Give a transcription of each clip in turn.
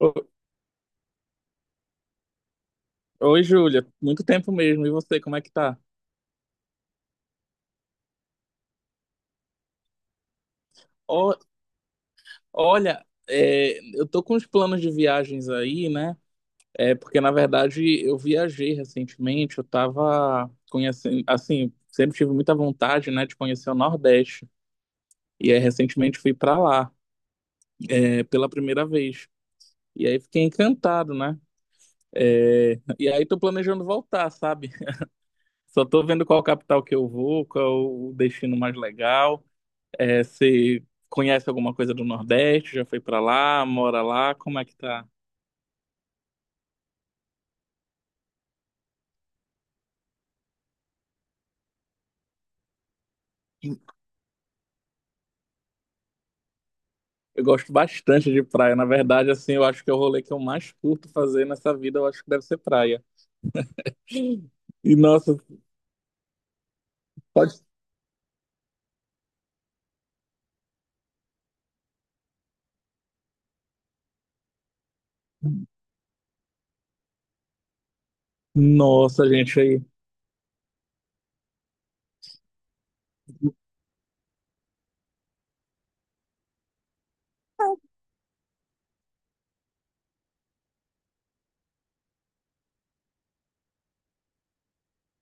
Ô- Oi, Júlia. Muito tempo mesmo. E você, como é que tá? Ó, olha, eu tô com os planos de viagens aí, né? Porque, na verdade, eu viajei recentemente. Eu tava conhecendo, assim, sempre tive muita vontade, né, de conhecer o Nordeste. E aí, recentemente, fui pra lá, pela primeira vez. E aí, fiquei encantado, né? E aí, tô planejando voltar, sabe? Só tô vendo qual capital que eu vou, qual o destino mais legal. Você conhece alguma coisa do Nordeste? Já foi pra lá? Mora lá? Como é que tá? Eu gosto bastante de praia. Na verdade, assim, eu acho que é o rolê que eu mais curto fazer nessa vida, eu acho que deve ser praia. E nossa, pode... Nossa, gente, aí.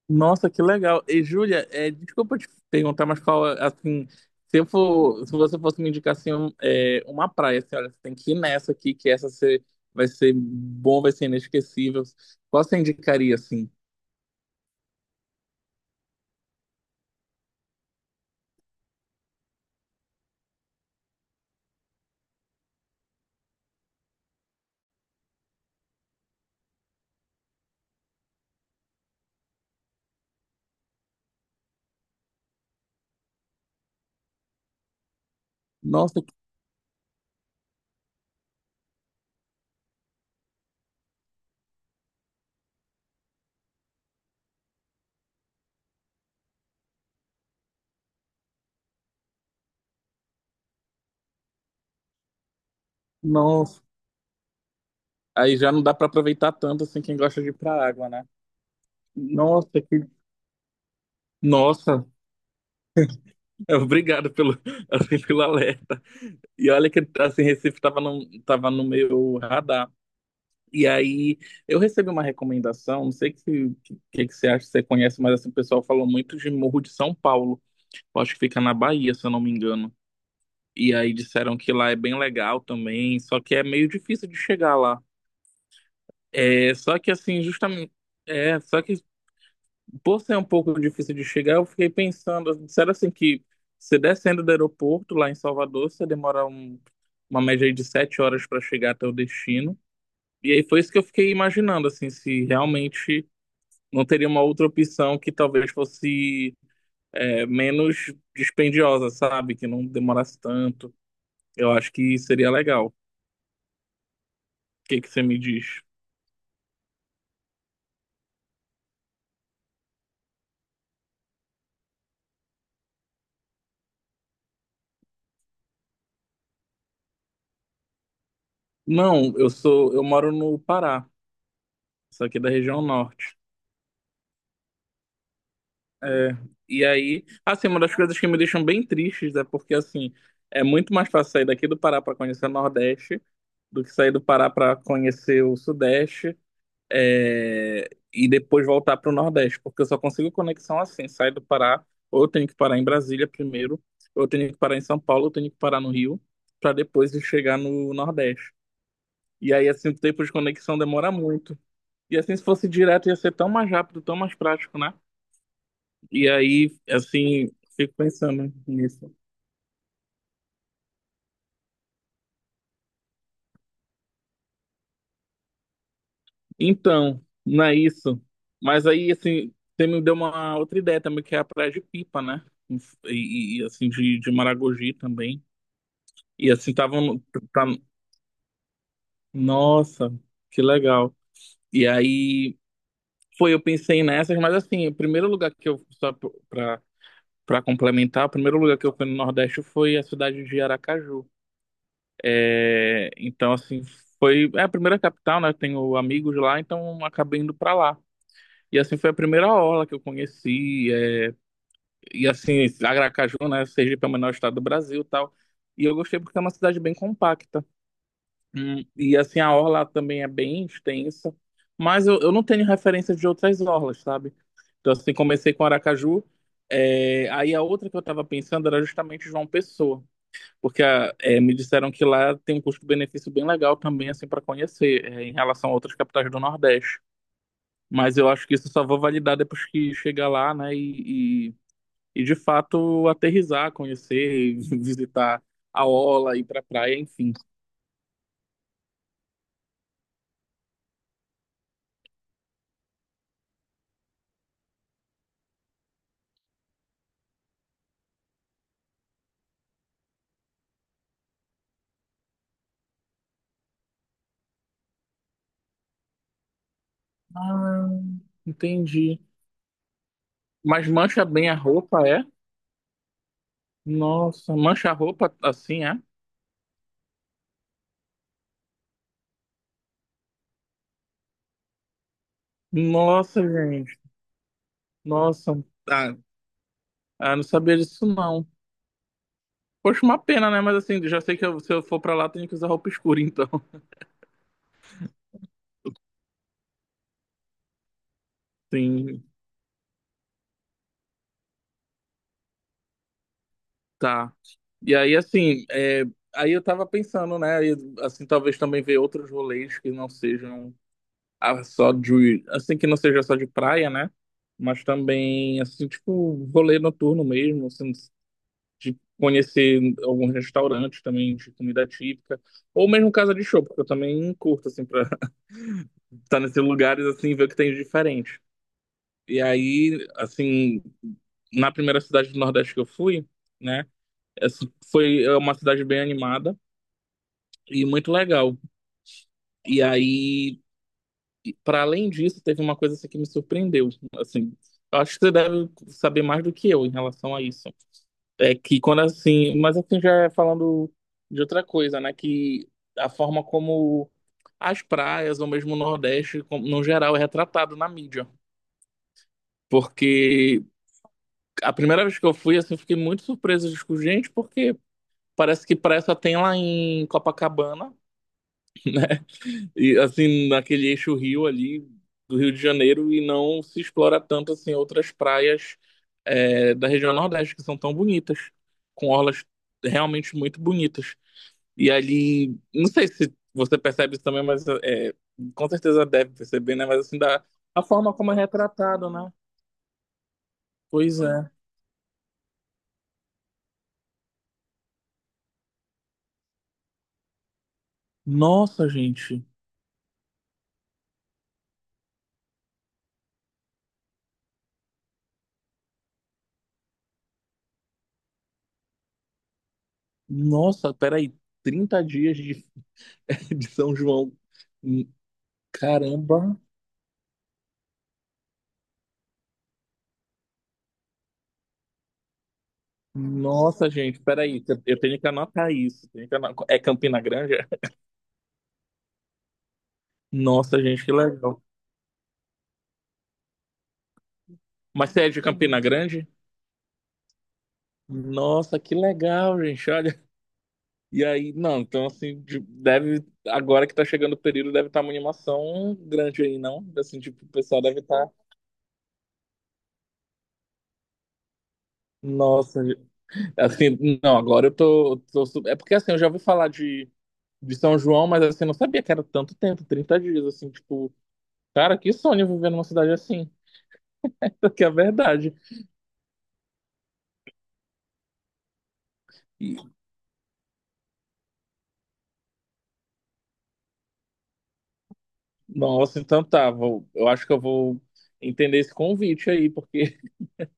Nossa, que legal. E Júlia, desculpa te perguntar, mas qual, assim, se eu for, se você fosse me indicar assim, uma praia, assim, olha, você tem que ir nessa aqui, que essa você, vai ser bom, vai ser inesquecível. Qual você indicaria, assim? Nossa, que- Nossa. Aí já não dá pra aproveitar tanto assim quem gosta de ir pra água, né? Nossa, que. Nossa, obrigado pelo, assim, pelo alerta. E olha que assim, Recife tava no meu radar. E aí eu recebi uma recomendação, não sei o que você acha, se você conhece, mas assim, o pessoal falou muito de Morro de São Paulo. Eu acho que fica na Bahia, se eu não me engano. E aí disseram que lá é bem legal também, só que é meio difícil de chegar lá. É, só que assim, justamente. É, só que Por ser um pouco difícil de chegar, eu fiquei pensando, disseram assim que se descendo do aeroporto lá em Salvador, você demora uma média aí de 7 horas para chegar até o destino. E aí foi isso que eu fiquei imaginando, assim, se realmente não teria uma outra opção que talvez fosse menos dispendiosa, sabe? Que não demorasse tanto. Eu acho que seria legal. O que que você me diz? Não, eu sou, eu moro no Pará, só que da região norte. É, e aí, assim, uma das coisas que me deixam bem tristes é porque, assim, é muito mais fácil sair daqui do Pará para conhecer o Nordeste do que sair do Pará para conhecer o Sudeste, e depois voltar para o Nordeste, porque eu só consigo conexão assim, sair do Pará, ou eu tenho que parar em Brasília primeiro, ou eu tenho que parar em São Paulo, ou eu tenho que parar no Rio, para depois eu chegar no Nordeste. E aí, assim, o tempo de conexão demora muito. E assim, se fosse direto, ia ser tão mais rápido, tão mais prático, né? E aí, assim, fico pensando nisso. Então, não é isso. Mas aí, assim, você me deu uma outra ideia também, que é a praia de Pipa, né? Assim, de Maragogi também. E assim, estavam. Tá... Nossa, que legal. E aí, foi, eu pensei nessas, mas assim, o primeiro lugar que eu. Só pra, pra complementar, o primeiro lugar que eu fui no Nordeste foi a cidade de Aracaju. É, então, assim, foi é a primeira capital, né? Eu tenho amigos lá, então acabei indo pra lá. E assim foi a primeira orla que eu conheci. E assim, Aracaju, né? Sergipe é o menor estado do Brasil e tal. E eu gostei porque é uma cidade bem compacta. Hum. E assim, a orla também é bem extensa. Mas eu não tenho referência de outras orlas, sabe? Então, assim, comecei com Aracaju. Aí a outra que eu tava pensando era justamente João Pessoa. Porque ah, me disseram que lá tem um custo-benefício bem legal também, assim, para conhecer, em relação a outras capitais do Nordeste. Mas eu acho que isso só vou validar depois que chegar lá, né? De fato aterrissar, conhecer, visitar a orla, ir pra praia, enfim. Ah, entendi. Mas mancha bem a roupa, é? Nossa, mancha a roupa assim, é? Nossa, gente. Nossa, ah, ah, não sabia disso não. Poxa, uma pena, né? Mas assim, já sei que se eu for pra lá, eu tenho que usar roupa escura, então. Sim, tá. E aí, assim, aí eu tava pensando, né? Aí, assim, talvez também ver outros rolês que não sejam só de. Assim, que não seja só de praia, né? Mas também, assim, tipo, rolê noturno mesmo, assim, de conhecer alguns restaurantes também de comida típica. Ou mesmo casa de show, porque eu também curto, assim, pra estar nesses lugares, assim, e ver o que tem de diferente. E aí, assim, na primeira cidade do Nordeste que eu fui, né? Essa foi é uma cidade bem animada e muito legal. E aí, para além disso, teve uma coisa assim, que me surpreendeu, assim. Eu acho que você deve saber mais do que eu em relação a isso. É que quando assim, mas assim já falando de outra coisa, né, que a forma como as praias ou mesmo o Nordeste, como- no geral, é retratado na mídia. Porque a primeira vez que eu fui, assim, eu fiquei muito surpreso. Tipo, gente, por quê? Parece que praia só tem lá em Copacabana, e assim, naquele eixo rio ali do Rio de Janeiro, e não se explora tanto assim outras praias da região Nordeste que são tão bonitas, com orlas realmente muito bonitas. E ali, não sei se você percebe isso também, mas é, com certeza deve perceber, né? Mas assim, da, a forma como é retratado, né? Pois é. Nossa, gente. Nossa, peraí, 30 dias de São João. Hum. Caramba. Nossa, gente, peraí, eu tenho que anotar isso. É Campina Grande? Nossa, gente, que legal. Mas você é de Campina Grande? Nossa, que legal, gente, olha. E aí, não, então assim, deve, agora que tá chegando o período, deve estar uma animação grande aí, não? Assim, tipo, o pessoal deve estar, nossa, gente. Assim, não, agora eu tô. É porque assim, eu já ouvi falar de São João, mas assim, eu não sabia que era tanto tempo, 30 dias, assim, tipo, cara, que sonho viver numa cidade assim, que é a verdade. E, nossa, então tá, vou, eu acho que eu vou entender esse convite aí, porque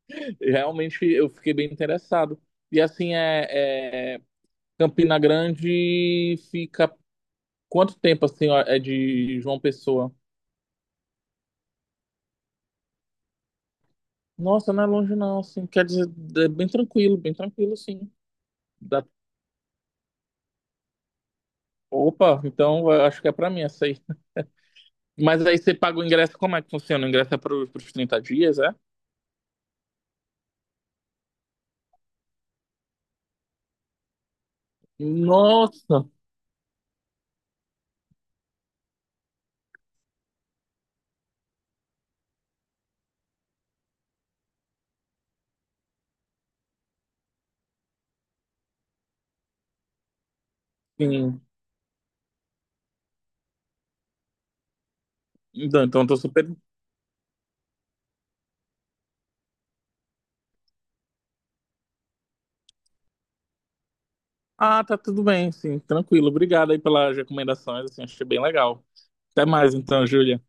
realmente eu fiquei bem interessado. E assim, Campina Grande fica quanto tempo, assim, ó, é de João Pessoa? Nossa, não é longe não, assim, quer dizer, é bem tranquilo, sim. Dá- Opa, então eu acho que é pra mim essa aí. Mas aí você paga o ingresso, como é que funciona? O ingresso é para os 30 dias, é? Nossa, sim. Então, então eu tô super. Ah, tá tudo bem, sim, tranquilo. Obrigado aí pelas recomendações, assim, achei bem legal. Até mais então, Júlia.